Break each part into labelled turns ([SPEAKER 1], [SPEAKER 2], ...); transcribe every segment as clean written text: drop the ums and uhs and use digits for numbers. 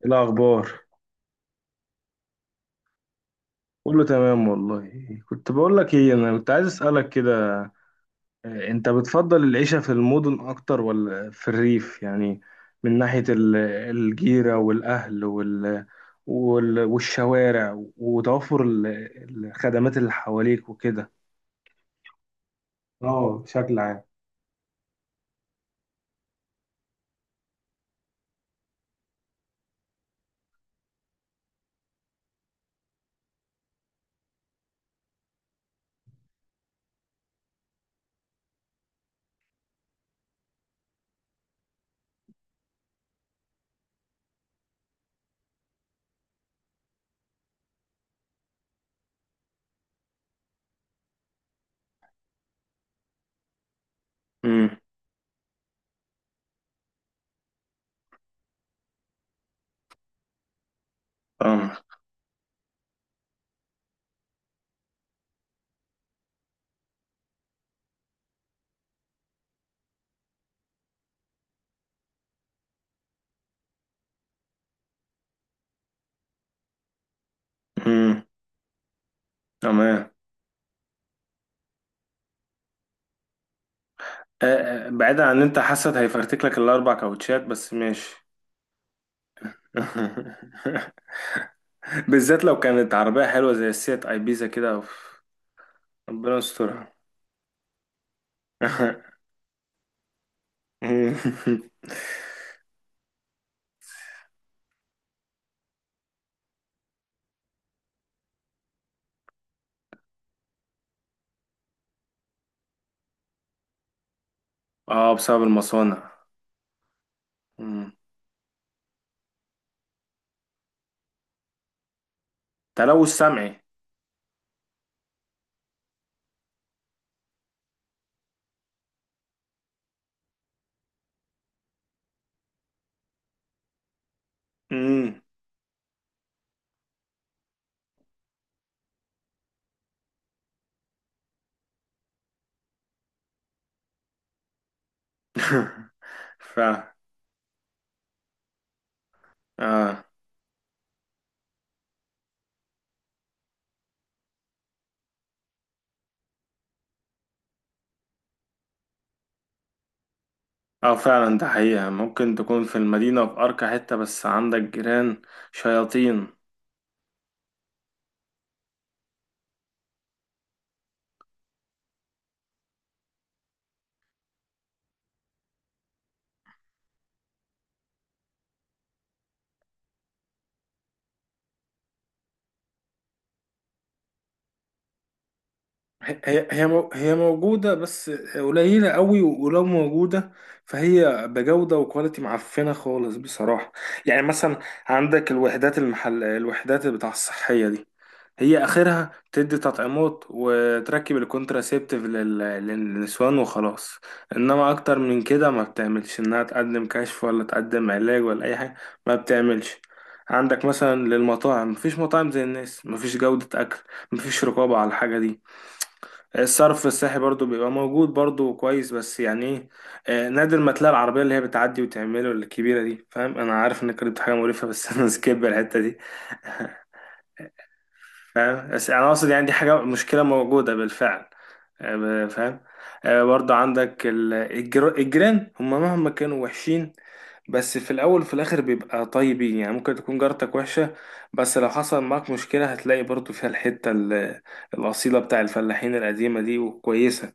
[SPEAKER 1] إيه الأخبار؟ كله تمام والله. كنت بقول لك ايه، انا كنت عايز اسألك كده. إيه، انت بتفضل العيشة في المدن اكتر ولا في الريف يعني؟ من ناحية الجيرة والاهل والشوارع وتوفر الخدمات اللي حواليك وكده. اه، بشكل عام. امم. فاهمك. امم. تمام. آه، آه، بعيدا عن إن انت حاسس هيفرتك لك الـ4 كاوتشات، بس ماشي. بالذات لو كانت عربية حلوة زي السيات ايبيزا كده، أوف. ربنا يسترها. اه، بسبب المصانع. مم. تلوث سمعي. مم. ف اه اه، فعلا، ده حقيقة. ممكن تكون في المدينة في أرقى حتة بس عندك جيران شياطين. هي موجودة، بس قليلة قوي، ولو موجودة فهي بجودة وكواليتي معفنة خالص بصراحة. يعني مثلا، عندك الوحدات بتاع الصحية دي، هي آخرها تدي تطعيمات وتركب الكونتراسيبتيف للنسوان وخلاص. إنما أكتر من كده ما بتعملش، إنها تقدم كشف ولا تقدم علاج ولا أي حاجة ما بتعملش. عندك مثلا للمطاعم، مفيش مطاعم زي الناس، مفيش جودة أكل، مفيش رقابة على الحاجة دي. الصرف الصحي برضو بيبقى موجود برضو كويس، بس يعني ايه، نادر ما تلاقي العربية اللي هي بتعدي وتعمله الكبيرة دي. فاهم، انا عارف انك قلت حاجة مقرفة بس انا سكيب الحتة دي. فاهم، بس انا اقصد يعني دي حاجة مشكلة موجودة بالفعل. فاهم. برضو عندك الجيران، هم مهما كانوا وحشين بس في الاول وفي الاخر بيبقى طيبين. يعني ممكن تكون جارتك وحشة، بس لو حصل معاك مشكلة هتلاقي برضو فيها الحتة الأصيلة بتاع الفلاحين القديمة دي، وكويسة.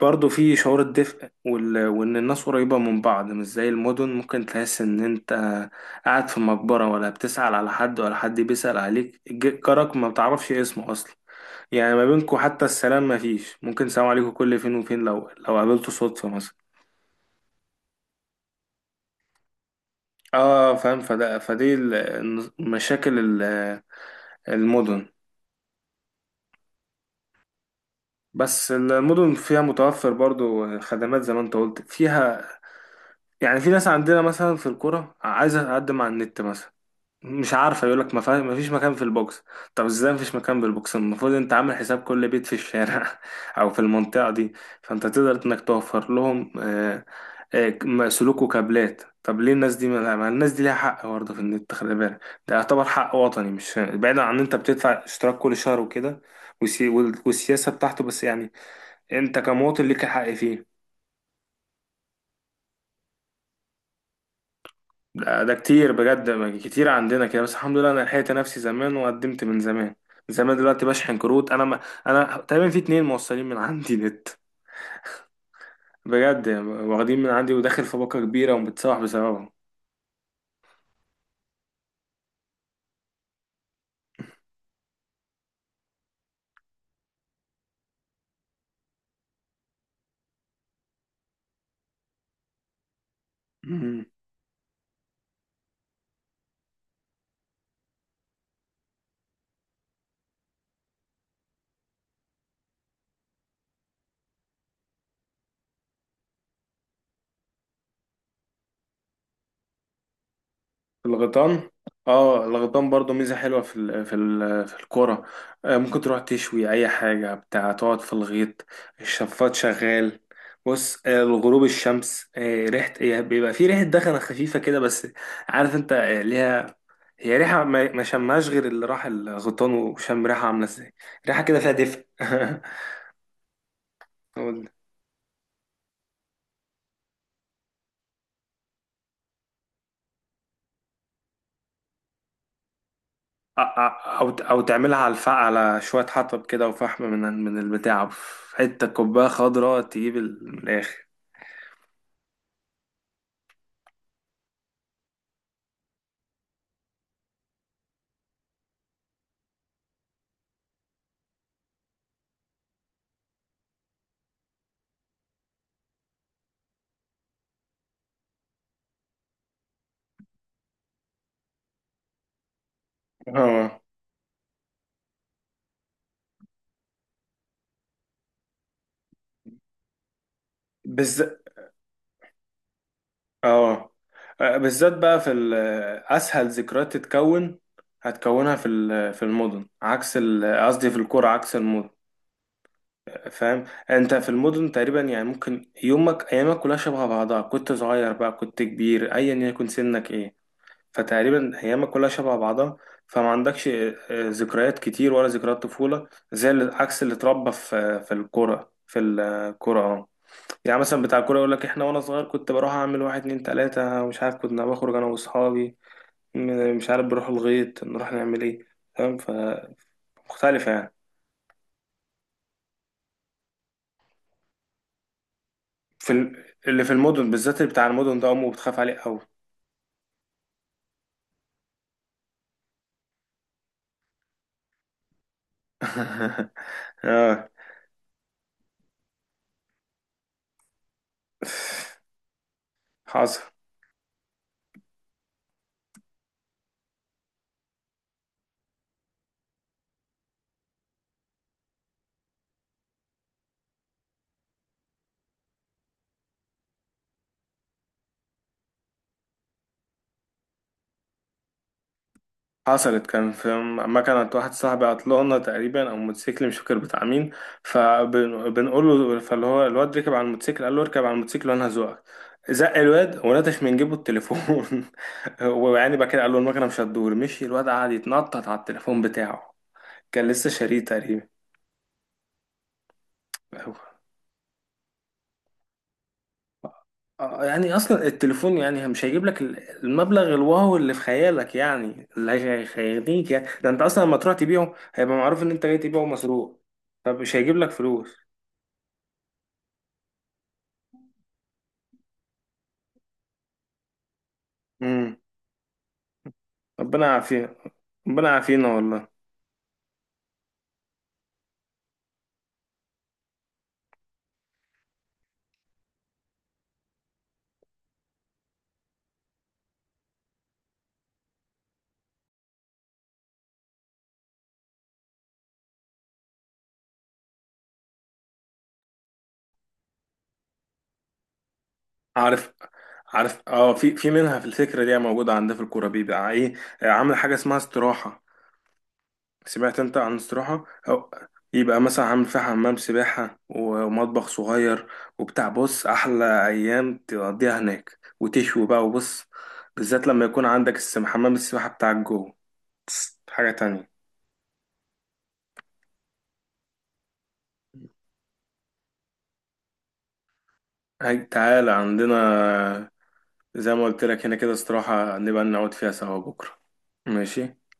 [SPEAKER 1] برضه في شعور الدفء وإن الناس قريبة من بعض، مش زي المدن ممكن تحس إن أنت قاعد في مقبرة، ولا بتسأل على حد ولا حد بيسأل عليك، جارك ما بتعرفش اسمه أصلا. يعني ما بينكوا حتى السلام ما فيش، ممكن سلام عليكم كل فين وفين لو قابلته صدفة مثلا. اه فاهم، فدي مشاكل المدن. بس المدن فيها متوفر برضو خدمات زي ما انت قلت فيها. يعني في ناس عندنا مثلا في القرى عايزة تقدم على النت مثلا، مش عارفه، يقول لك ما فيش مكان في البوكس. طب ازاي ما فيش مكان في البوكس؟ المفروض انت عامل حساب كل بيت في الشارع او في المنطقه دي. فانت تقدر انك توفر لهم سلوك وكابلات. طب ليه الناس دي ما ما الناس دي ليها حق برضه في النت، خلي بالك ده يعتبر حق وطني. مش بعيدا عن ان انت بتدفع اشتراك كل شهر وكده، والسياسه بتاعته، بس يعني انت كمواطن ليك الحق فيه. ده كتير بجد، كتير عندنا كده. بس الحمد لله انا لحقت نفسي زمان وقدمت من زمان. من زمان دلوقتي بشحن كروت. انا ما انا تقريبا في 2 موصلين من عندي نت. بجد يعني واخدين من عندي وداخل في باقة كبيرة ومتصاح بسببهم. الغيطان. اه، الغيطان برضو ميزة حلوة في الكورة. آه، ممكن تروح تشوي أي حاجة بتاع، تقعد في الغيط، الشفاط شغال. بص، الغروب، الشمس، ريحة، هي بيبقى في ريحة دخنة خفيفة كده بس. عارف انت، ليها، هي ريحة ما شمهاش غير اللي راح الغيطان وشم ريحة عاملة ازاي. ريحة كده فيها دفء. أو أو تعملها على الفحم، على شوية حطب كده وفحم من من البتاع، في حتة كوباية خضراء تجيب من الآخر. اه بالذات. اه. بالذات بقى اسهل ذكريات تتكون، هتكونها في المدن، عكس قصدي في القرى عكس المدن، فاهم. انت في المدن تقريبا يعني ممكن ايامك كلها شبه بعضها، كنت صغير بقى كنت كبير ايا يكن سنك ايه. فتقريبا ايامك كلها شبه بعضها. فما عندكش ذكريات كتير، ولا ذكريات طفولة، عكس اللي اتربى في القرى في القرى. يعني مثلا بتاع الكورة يقول لك احنا وانا صغير كنت بروح اعمل واحد اتنين تلاتة، مش عارف، كنا بخرج انا واصحابي، مش عارف بروح الغيط نروح نعمل ايه، فاهم، فمختلفة يعني. اللي في المدن، بالذات اللي بتاع المدن ده امه بتخاف عليه قوي. اه، حصل. حصلت، كان في، ما كانت واحد صاحبي عطلانة تقريبا، او موتوسيكل مش فاكر بتاع مين. فبنقول له فاللي هو الواد ركب على الموتوسيكل، قال له اركب على الموتوسيكل وانا هزوقك. زق الواد ونتش من جيبه التليفون. ويعني بقى كده، قال له المكنه مش هتدور، مشي الواد قعد يتنطط على التليفون بتاعه. كان لسه شاريه تقريبا. يعني اصلا التليفون يعني مش هيجيب لك المبلغ الواو اللي في خيالك يعني، اللي هيغنيك يعني. ده انت اصلا لما تروح تبيعه هيبقى معروف ان انت جاي تبيعه مسروق، فمش هيجيب لك فلوس. امم. ربنا يعافينا. ربنا يعافينا والله. عارف. عارف، اه، في منها. في الفكره دي موجوده عندنا في الكوره، بيبقى ايه، عامل حاجه اسمها استراحه. سمعت انت عن استراحة او؟ يبقى مثلا عامل فيها حمام سباحة ومطبخ صغير وبتاع. بص، احلى ايام تقضيها هناك، وتشوي بقى. وبص، بالذات لما يكون عندك حمام السباحة بتاعك جوه. بص، حاجة تانية. هاي تعالى عندنا، زي ما قلت لك هنا كده استراحة، نبقى نقعد فيها سوا بكرة. ماشي.